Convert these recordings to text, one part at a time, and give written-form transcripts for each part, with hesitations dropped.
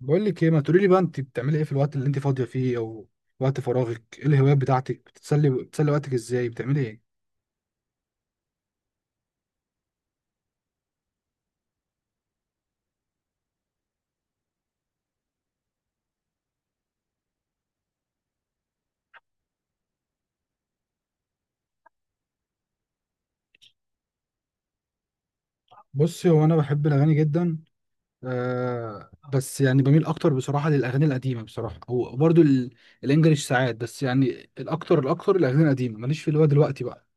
بقول لك ايه، ما تقولي لي بقى انت بتعملي ايه في الوقت اللي انت فاضيه فيه او وقت فراغك؟ ايه الهوايات بتاعتك؟ بتتسلي بتسلي وقتك ازاي؟ بتعملي ايه؟ بصي، هو انا بحب الاغاني جدا. آه بس يعني بميل اكتر بصراحه للاغاني القديمه بصراحه، او برضو الانجليش ساعات، بس يعني الاكتر الاغاني القديمه. ماليش في اللي هو دلوقتي بقى.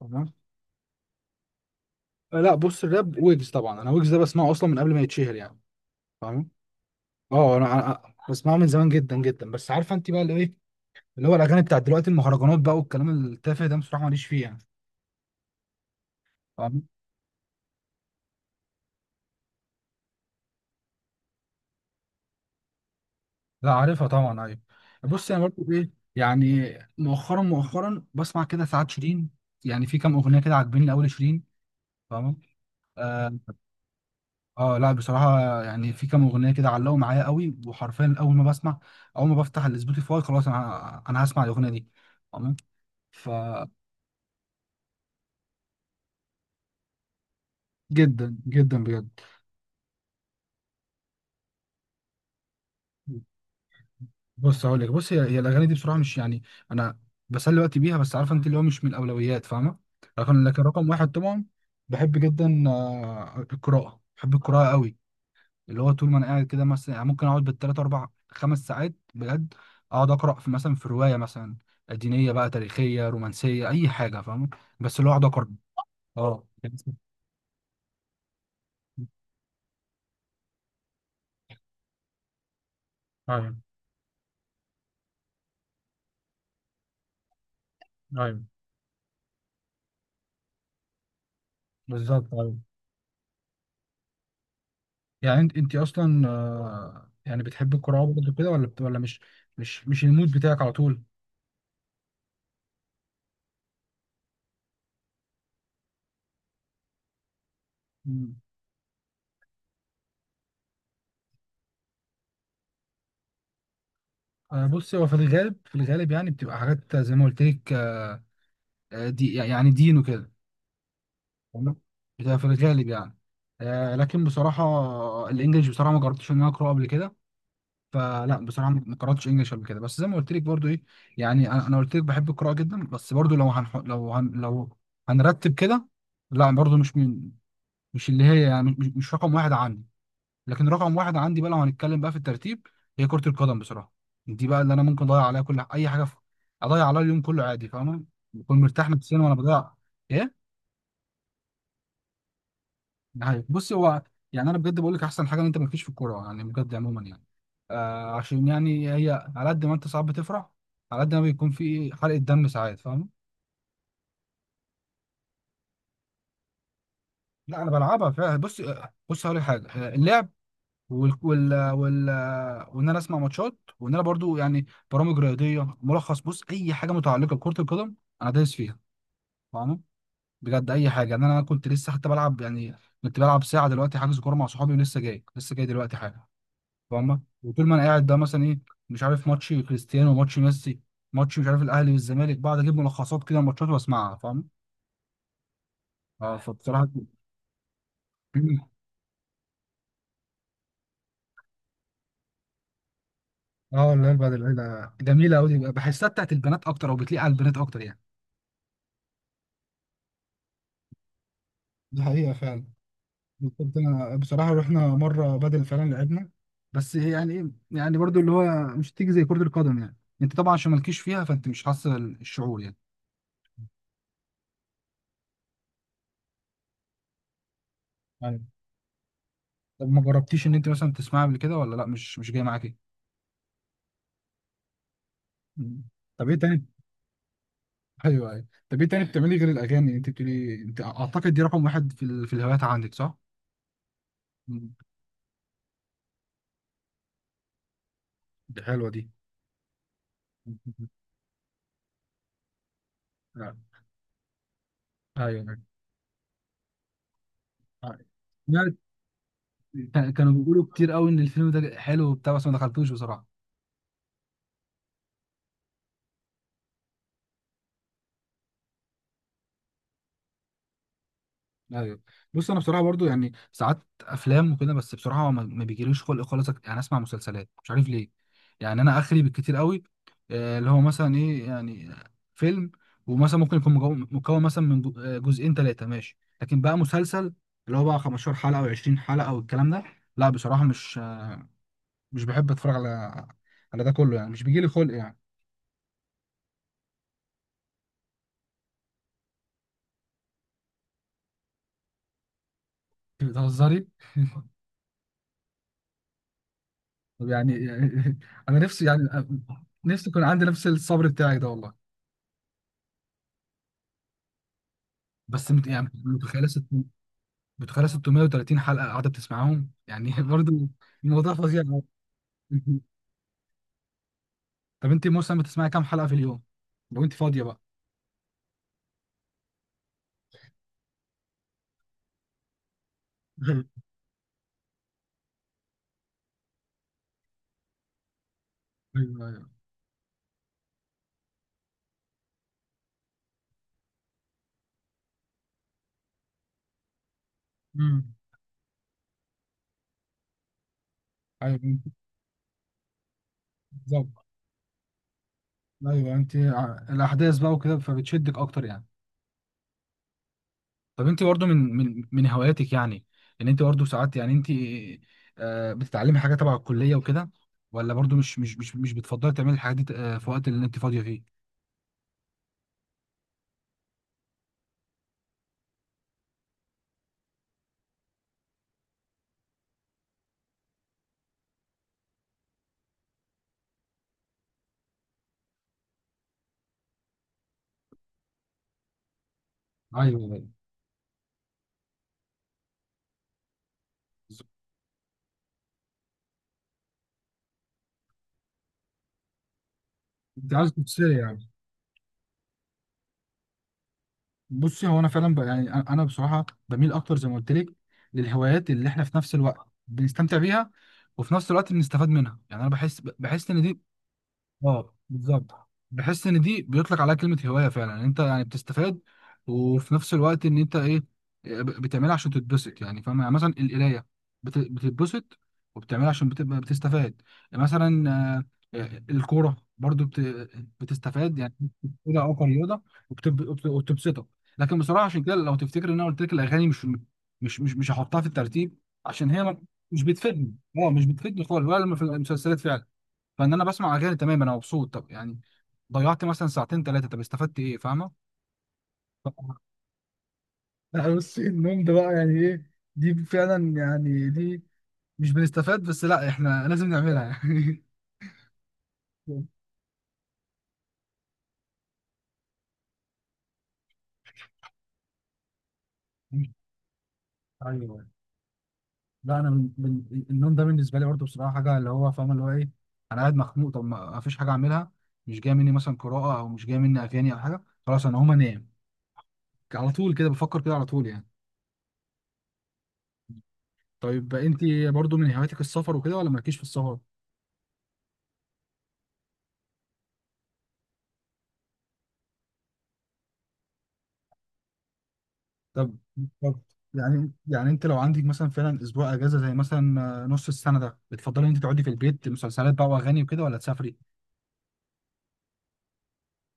تمام. آه لا، بص الراب ويجز طبعا، انا ويجز ده بسمعه اصلا من قبل ما يتشهر يعني. فاهم؟ اه، انا بسمعه من زمان جدا جدا، بس عارفه انت بقى اللي ايه، اللي هو الاغاني بتاعت دلوقتي المهرجانات بقى والكلام التافه ده بصراحه ماليش فيه يعني. فاهم؟ لا عارفها طبعا، ايوه. بص انا برضو ايه، يعني مؤخرا بسمع كده ساعات شيرين، يعني في كام اغنيه كده عاجبيني قوي شيرين. فاهمه؟ آه, اه لا بصراحه يعني في كام اغنيه كده علقوا معايا قوي وحرفيا اول ما بفتح السبوتيفاي، خلاص انا هسمع الاغنيه دي. فاهمه ف جدا جدا بجد. بص هقول لك، هي الاغاني دي بصراحه مش يعني انا بسلي وقتي بيها، بس عارفه انت اللي هو مش من الاولويات فاهمه. لكن رقم واحد طبعا بحب جدا، القراءه. بحب القراءه قوي، اللي هو طول ما انا قاعد كده مثلا يعني ممكن اقعد بالثلاث اربع خمس ساعات بجد، اقعد اقرا في مثلا في روايه مثلا دينيه بقى، تاريخيه، رومانسيه، اي حاجه فاهمه. بس اللي هو اقعد اقرا. اه ايوه ايوه بالظبط، ايوه. يعني انت اصلا يعني بتحب القراءه برضه كده، ولا مش مش المود بتاعك على طول؟ مم. بص هو في الغالب يعني بتبقى حاجات زي ما قلت لك، دي يعني دين وكده. تمام؟ بتبقى في الغالب يعني لكن بصراحه الانجليش بصراحه ما جربتش ان انا اقراه قبل كده. فلا بصراحه ما قراتش انجليش قبل كده، بس زي ما قلت لك برضه ايه، يعني انا قلت لك بحب القراءه جدا، بس برضه لو لو هنرتب كده، لا برضه مش من، مش اللي هي يعني مش رقم واحد عندي. لكن رقم واحد عندي بقى لو هنتكلم بقى في الترتيب هي كرة القدم بصراحة. دي بقى اللي انا ممكن اضيع عليها كل اي حاجة، اضيع عليها اليوم كله عادي فاهمة، بكون مرتاح نفسيا وانا بضيع. ايه؟ ده حقيقي. بص هو يعني انا بجد بقول لك احسن حاجة ان انت مالكيش في الكورة يعني بجد عموما يعني. آه، عشان يعني هي على قد ما انت ساعات بتفرح على قد ما بيكون في حرقة دم ساعات فاهم. لا انا بلعبها فعلا، بص هقول لك حاجة، اللعب وال وال وال وان انا اسمع ماتشات، وان انا برضو يعني برامج رياضيه، ملخص، بص اي حاجه متعلقه بكره القدم انا دايس فيها فاهمه. بجد اي حاجه، يعني انا كنت لسه حتى بلعب، يعني كنت بلعب ساعه دلوقتي، حجز كوره مع صحابي، ولسه جاي دلوقتي حاجه فاهمه. وطول ما انا قاعد ده مثلا ايه، مش عارف ماتش كريستيانو، ماتش ميسي، ماتش مش عارف الاهلي والزمالك، بعد اجيب ملخصات كده ماتشات واسمعها فاهمه. اه فبصراحه. اه لا، البدل ده جميله قوي، بحسها بتاعت البنات اكتر او بتليق على البنات اكتر يعني. دي حقيقة فعلا. كنت انا بصراحه رحنا مره بدل فعلا لعبنا، بس هي يعني ايه، يعني برضو اللي هو مش تيجي زي كره القدم يعني. انت طبعا عشان مالكيش فيها فانت مش حاسه الشعور يعني. ايوه. طب ما جربتيش ان انت مثلا تسمعها قبل كده ولا لا؟ مش جاي معاك ايه؟ مم. طب ايه تاني؟ ايوه ايوه، طب ايه تاني بتعملي غير الاغاني؟ انت بتقولي انت، اعتقد دي رقم واحد في الهوايات عندك صح؟ مم. دي حلوه دي. مم. آه، ايوه ايوه. آه. يعني كانوا بيقولوا كتير قوي ان الفيلم ده حلو وبتاع، بس ما دخلتوش بصراحه. ايوه. بص انا بصراحه برضو يعني ساعات افلام وكده، بس بصراحه ما بيجيليش خلق خالص يعني اسمع مسلسلات مش عارف ليه. يعني انا اخري بالكتير قوي اللي هو مثلا ايه يعني فيلم، ومثلا ممكن يكون مكون مثلا من جزئين ثلاثه ماشي، لكن بقى مسلسل اللي هو بقى 15 حلقه او 20 حلقه او الكلام ده، لا بصراحه مش بحب اتفرج على ده كله يعني مش بيجيلي خلق يعني. بتهزري؟ طب يعني. انا نفسي يعني نفسي يكون عندي نفس الصبر بتاعك ده والله. بس متخيله 630 حلقه قاعده بتسمعهم يعني برضو. الموضوع فظيع أوي. طب انت مثلا بتسمعي كام حلقه في اليوم لو انت فاضيه بقى؟ ايوه ايوه. امم. ايوه بالظبط. ايوه انت الاحداث بقى وكده فبتشدك اكتر يعني. طب انت برضو من هواياتك، يعني ان انت برضو ساعات يعني انت بتتعلمي حاجه تبع الكليه وكده، ولا برضو مش بتفضلي تعملي الحاجات دي في وقت اللي انت فاضيه فيه؟ ايوه ايوه بالظبط. انت عايز تفصلي يعني. بصي هو انا فعلا يعني انا بصراحه بميل اكتر زي ما قلت لك للهوايات اللي احنا في نفس الوقت بنستمتع بيها وفي نفس الوقت بنستفاد منها، يعني انا بحس ان دي اه بالظبط، بحس ان دي بيطلق عليها كلمه هوايه فعلا، إن انت يعني بتستفاد وفي نفس الوقت ان انت ايه بتعملها عشان تتبسط، يعني فاهم يعني مثلا القرايه بتتبسط وبتعملها عشان بتبقى بتستفاد. مثلا الكوره برضو بتستفاد يعني كده او كرياضه وبتبسطك. لكن بصراحه عشان كده لو تفتكر ان انا قلت لك الاغاني مش، مش هحطها في الترتيب عشان هي مش بتفيدني. اه مش بتفيدني خالص ولا لما في المسلسلات فعلا، فان انا بسمع اغاني تمام انا مبسوط، طب يعني ضيعت مثلا ساعتين ثلاثه، طب استفدت ايه فاهمه. ف- لا بص النوم ده بقى يعني ايه، دي فعلا يعني دي مش بنستفاد بس لا احنا لازم نعملها يعني. ايوه. لا، النوم ده بالنسبه لي برضه بصراحه حاجه اللي هو فاهم اللي هو ايه، انا قاعد مخنوق طب ما ما فيش حاجه اعملها، مش جايه مني مثلا قراءه او مش جايه مني اغاني او حاجه، خلاص انا هقوم انام على طول، كده بفكر كده على طول يعني. طيب انت برضه من هواياتك السفر وكده ولا مالكيش في السفر؟ طب طب يعني انت لو عندك مثلا فعلا اسبوع اجازه زي مثلا نص السنه ده، بتفضلي ان انت تقعدي في البيت مسلسلات بقى واغاني وكده ولا تسافري؟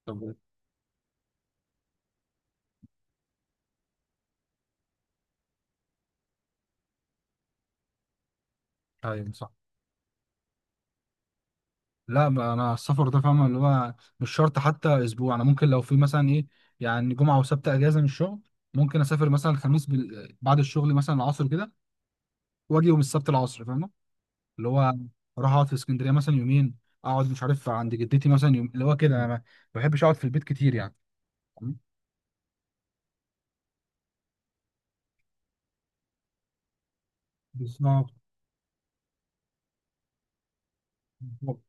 طب ايوه صح. لا ما انا السفر ده فاهمه اللي هو مش شرط حتى اسبوع، انا ممكن لو في مثلا ايه، يعني جمعه وسبت اجازه من الشغل، ممكن اسافر مثلا الخميس بعد الشغل مثلا العصر كده واجي يوم السبت العصر فاهمه؟ اللي هو اروح اقعد في اسكندريه مثلا يومين، اقعد مش عارف عند جدتي مثلا يوم، اللي هو كده انا ما بحبش اقعد في البيت كتير يعني. بالظبط. بالظبط.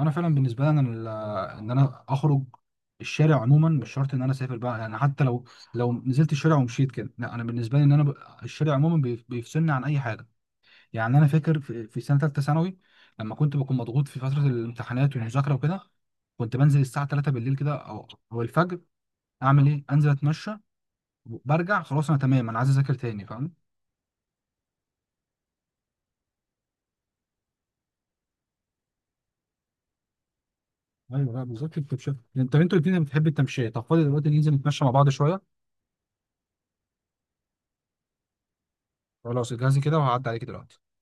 انا فعلا بالنسبه لي انا ان انا اخرج الشارع عموما، مش شرط ان انا اسافر بقى يعني، حتى لو لو نزلت الشارع ومشيت كده، لا انا بالنسبه لي ان انا الشارع عموما بيفصلني عن اي حاجه. يعني انا فاكر في سنه ثالثه ثانوي لما كنت بكون مضغوط في فتره الامتحانات والمذاكره وكده كنت بنزل الساعه 3 بالليل كده او الفجر، اعمل ايه، انزل اتمشى برجع خلاص انا تمام انا عايز اذاكر تاني فاهم. ايوه لا بالظبط التمشيه، انت انتوا الاثنين بتحب التمشيه. طب فاضي دلوقتي ننزل نتمشى مع بعض شويه؟ خلاص اجهزي كده وهعدي عليك دلوقتي.